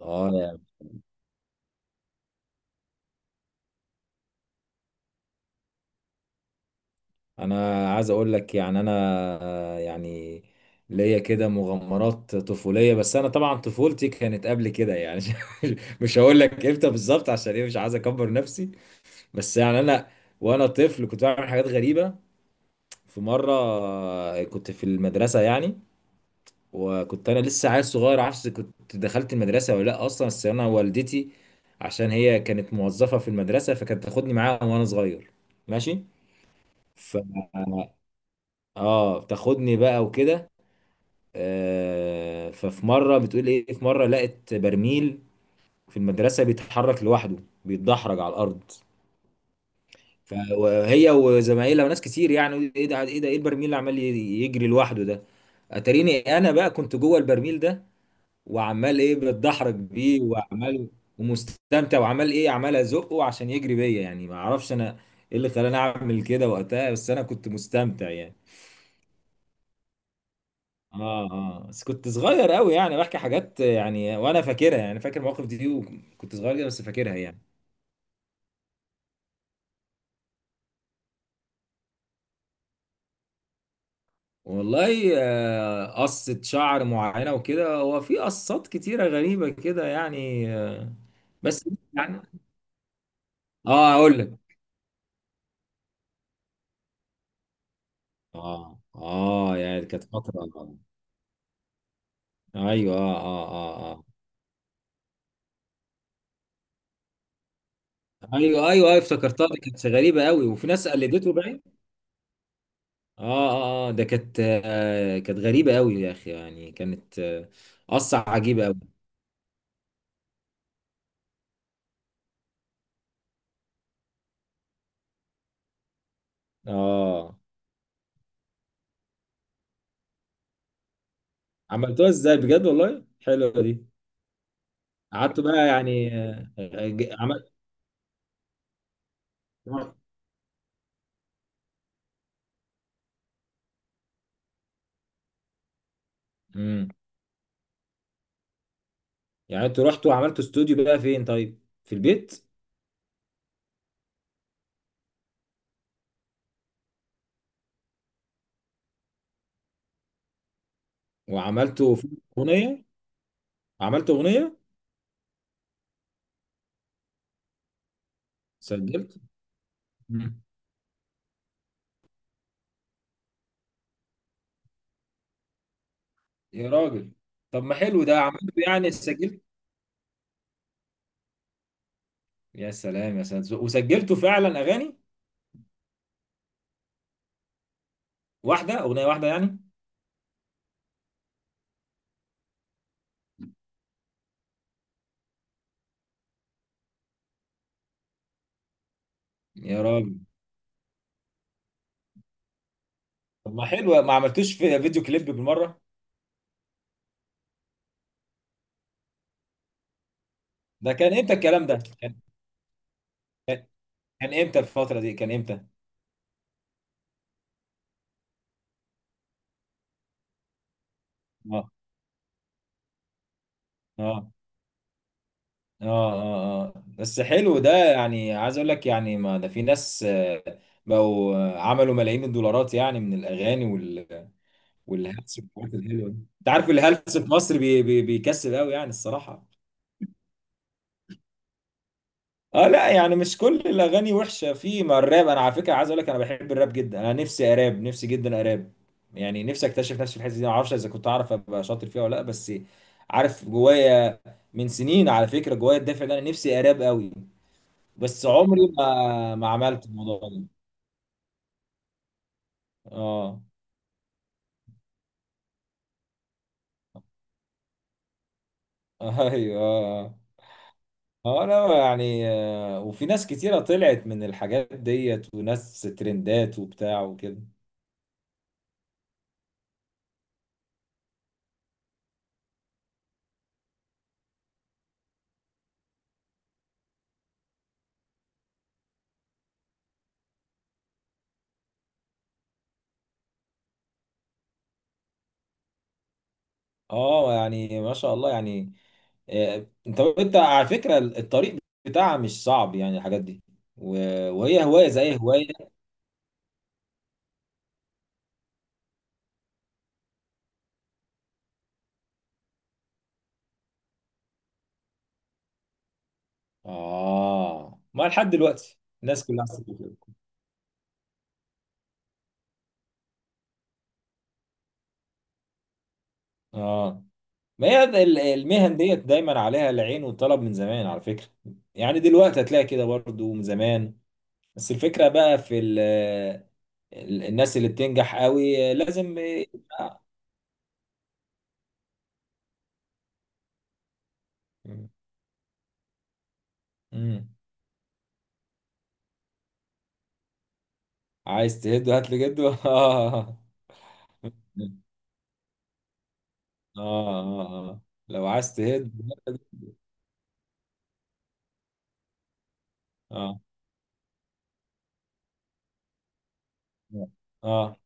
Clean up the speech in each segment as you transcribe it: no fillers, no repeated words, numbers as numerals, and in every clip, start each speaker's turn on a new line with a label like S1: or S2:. S1: اه يعني انا عايز اقول لك انا آه، يعني ليا كده مغامرات طفوليه. بس انا طبعا طفولتي كانت قبل كده مش هقول لك امتى بالظبط، عشان ايه؟ مش عايز اكبر نفسي. بس يعني انا وانا طفل كنت بعمل حاجات غريبه. في مره كنت في المدرسه وكنت انا لسه عيل صغير، عارفش كنت دخلت المدرسه ولا لا اصلا. بس انا والدتي، عشان هي كانت موظفه في المدرسه، فكانت تاخدني معاها وانا صغير. ماشي. اه بتاخدني بقى وكده. آه ففي مره بتقول ايه، في مره لقت برميل في المدرسه بيتحرك لوحده، بيتدحرج على الارض. فهي وزمايلها وناس كتير، يعني ايه ده، ايه ده، ايه البرميل اللي عمال يجري لوحده ده؟ اتاريني انا بقى كنت جوه البرميل ده، وعمال ايه بتدحرج بيه، وعمال ومستمتع، وعمال ايه، عمال ازقه عشان يجري بيا. يعني ما اعرفش انا ايه اللي خلاني اعمل كده وقتها، بس انا كنت مستمتع يعني. اه اه، بس كنت صغير قوي يعني. بحكي حاجات يعني وانا فاكرها، يعني فاكر المواقف دي، وكنت صغير جدا بس فاكرها يعني. والله قصة شعر معينة وكده، هو في قصات كتيرة غريبة كده بس يعني اه اقول لك. اه اه، يعني كانت فترة. ايوه اه اه اه اه. ايوه ايوه ايوه، افتكرتها، دي كانت غريبة قوي، وفي ناس قلدته باين. اه اه اه، ده كانت كانت غريبة قوي يا اخي، يعني كانت آه، قصة عجيبة قوي. اه. عملتوها ازاي بجد؟ والله حلوه دي. قعدتوا بقى يعني عملت. امم. يعني انتوا رحتوا عملتوا استوديو بقى فين؟ طيب في البيت؟ وعملتوا اغنيه؟ عملتوا اغنيه؟ سجلت؟ مم. يا راجل، طب ما حلو ده، عملتوا يعني سجلت؟ يا سلام يا سلام، وسجلتوا فعلا اغاني؟ واحده اغنيه واحده يعني؟ يا راجل، طب ما حلو، ما عملتوش في فيديو كليب بالمره؟ ده كان امتى الكلام ده، كان كان امتى الفتره دي، كان امتى؟ اه اه اه اه اه، بس حلو ده. يعني عايز اقول لك، يعني ما ده في ناس آه، بقوا آه، عملوا ملايين الدولارات يعني من الاغاني وال والهلس والحاجات الحلوه دي. انت عارف الهلس في مصر بي بي بيكسب قوي يعني الصراحه. اه لا يعني مش كل الاغاني وحشه. في ما الراب، انا على فكره عايز اقول لك، انا بحب الراب جدا، انا نفسي اراب، نفسي جدا اراب. يعني نفسي اكتشف نفسي في الحته دي، ما اعرفش اذا كنت اعرف ابقى شاطر فيها ولا لا، بس عارف جوايا. من سنين على فكره جوايا الدافع ده، انا نفسي اراب قوي، بس عمري ما عملت الموضوع ده. اه. ايوه اه. آه، لا يعني آه، وفي ناس كتيرة طلعت من الحاجات ديت، وناس ترندات وبتاع وكده. اه يعني ما شاء الله يعني. انت على فكرة الطريق بتاعها مش صعب، يعني الحاجات دي، وهي هواية زي هواية. اه ما لحد دلوقتي الناس كلها عسل كده. اه، ما هي المهن ديت دايما عليها العين والطلب من زمان على فكرة. يعني دلوقتي هتلاقي كده برضو من زمان، بس الفكرة بقى في ال الناس اللي بتنجح قوي لازم. آه. مم. عايز تهد هات لي جد. اه اه اه. آه. لو عايز تهد هات لي جد. اه اه.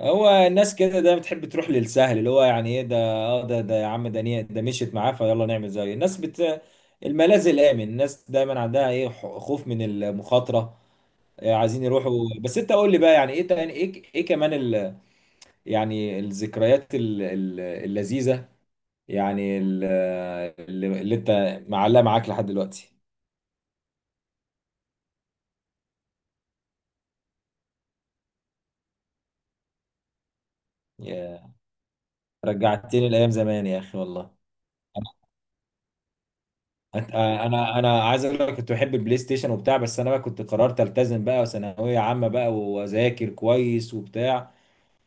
S1: هو الناس كده ده بتحب تروح للسهل، اللي هو يعني ايه ده، اه ده ده يا عم ده ده مشيت معاه، فيلا نعمل زيه. الناس بت الملاذ الامن. الناس دايما عندها ايه، خوف من المخاطره. عايزين يروحوا. بس انت قول لي بقى، يعني ايه تاني، ايه ايه كمان ال... يعني الذكريات ال... اللذيذه، يعني ال... اللي انت معلقه معاك لحد دلوقتي. يا رجعتني لايام زمان يا اخي والله. انا عايز اقول لك، كنت بحب البلاي ستيشن وبتاع، بس انا بقى كنت قررت التزم بقى ثانويه عامه بقى، واذاكر كويس وبتاع.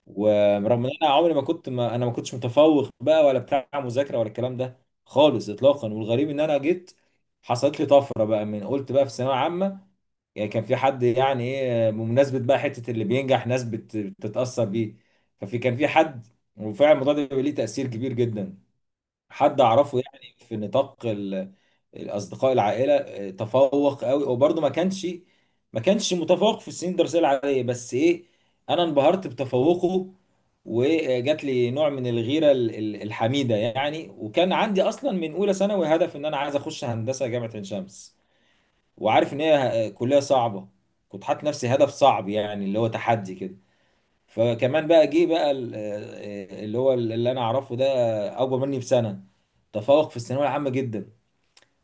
S1: ورغم ان انا عمري ما كنت، ما كنتش متفوق بقى ولا بتاع مذاكره ولا الكلام ده خالص اطلاقا. والغريب ان انا جيت حصلت لي طفره بقى من قلت بقى في ثانويه عامه. يعني كان في حد، يعني ايه، بمناسبه بقى حته اللي بينجح ناس بتتاثر بيه. ففي كان في حد، وفعلا الموضوع ده بيبقى ليه تاثير كبير جدا. حد اعرفه يعني في نطاق الاصدقاء، العائله، تفوق قوي. وبرضه ما كانش متفوق في السنين الدراسيه العاديه، بس ايه، انا انبهرت بتفوقه، وجات لي نوع من الغيره الحميده يعني. وكان عندي اصلا من اولى ثانوي هدف ان انا عايز اخش هندسه جامعه عين شمس، وعارف ان هي كليه صعبه. كنت حاطط نفسي هدف صعب، يعني اللي هو تحدي كده. فكمان بقى جه بقى اللي انا اعرفه ده، اكبر مني بسنه، تفوق في الثانويه العامه جدا.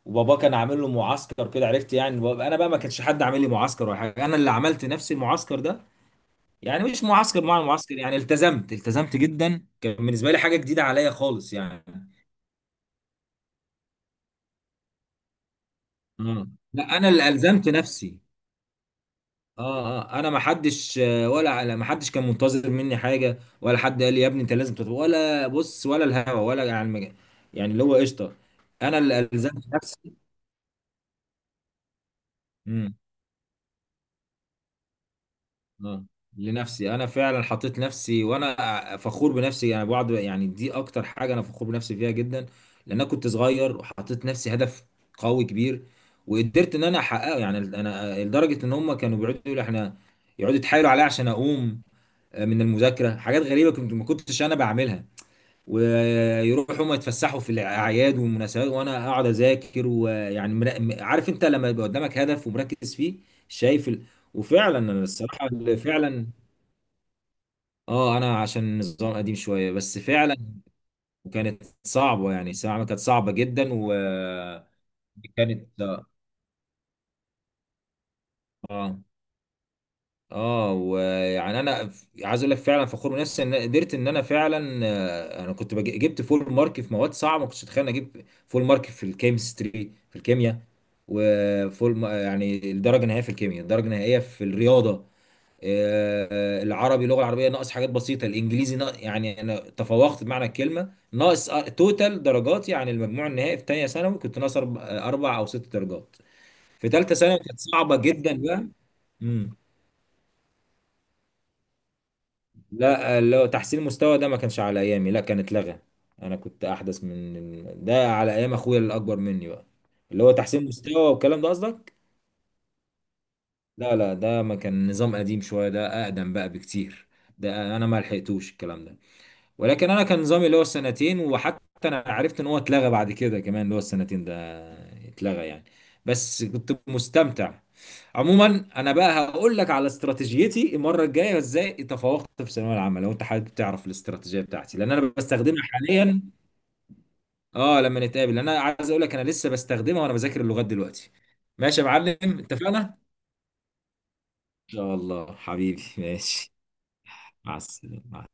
S1: وبابا كان عامل له معسكر كده، عرفت يعني. انا بقى ما كانش حد عامل لي معسكر ولا حاجه، انا اللي عملت نفسي المعسكر ده. يعني مش معسكر مع المعسكر، يعني التزمت، جدا. كان بالنسبه لي حاجه جديده عليا خالص يعني. آه. لا انا اللي الزمت نفسي. اه اه، انا ما حدش ولا على، ما حدش كان منتظر مني حاجه، ولا حد قال لي يا ابني انت لازم تطلع ولا بص ولا الهوا ولا على المجال. يعني اللي هو قشطه. انا اللي الزمت نفسي. امم. اه، لنفسي انا فعلا حطيت نفسي، وانا فخور بنفسي يعني بعض، يعني دي اكتر حاجه انا فخور بنفسي فيها جدا. لان انا كنت صغير وحطيت نفسي هدف قوي كبير وقدرت ان انا احققه. يعني انا لدرجه ان هم كانوا بيقعدوا يقولوا احنا، يقعدوا يتحايلوا عليا عشان اقوم من المذاكره. حاجات غريبه كنت، ما كنتش انا بعملها. ويروحوا هم يتفسحوا في الاعياد والمناسبات وانا اقعد اذاكر. ويعني عارف انت لما يبقى قدامك هدف ومركز فيه، شايف ال... وفعلا انا الصراحه اللي فعلا. اه، انا عشان النظام قديم شويه، بس فعلا. وكانت صعبه يعني، الثانوية العامة كانت صعبه جدا، وكانت اه. آه. اه، ويعني انا عايز اقول لك، فعلا فخور بنفسي ان قدرت ان انا فعلا. انا كنت جبت فول مارك في مواد صعبه، ما كنتش اتخيل اني اجيب فول مارك في الكيمستري، في الكيمياء. وفول ما- يعني الدرجه النهائيه في الكيمياء، الدرجه النهائيه في الرياضه، العربي اللغه العربيه ناقص حاجات بسيطه، الانجليزي ناقص. يعني انا تفوقت بمعنى الكلمه. ناقص توتال درجاتي يعني المجموع النهائي في ثانيه ثانوي، كنت ناقص اربع أربع او ست درجات. في ثالثه ثانوي كانت صعبه جدا بقى. لا لو تحسين المستوى ده ما كانش على ايامي، لا كان اتلغى. انا كنت احدث من ده، على ايام اخويا الاكبر مني بقى، اللي هو تحسين مستوى والكلام ده قصدك. لا لا، ده ما كان، نظام قديم شويه ده، اقدم بقى بكتير. ده انا ما لحقتوش الكلام ده. ولكن انا كان نظامي اللي هو السنتين. وحتى انا عرفت ان هو اتلغى بعد كده كمان، اللي هو السنتين ده اتلغى يعني. بس كنت مستمتع. عموما انا بقى هقول لك على استراتيجيتي المره الجايه ازاي تفوقت في الثانويه العامه، لو انت حابب تعرف الاستراتيجيه بتاعتي، لان انا بستخدمها حاليا. اه لما نتقابل، انا عايز اقول لك انا لسه بستخدمها وانا بذاكر اللغات دلوقتي. ماشي يا معلم، اتفقنا ان شاء الله حبيبي، ماشي. مع السلامه.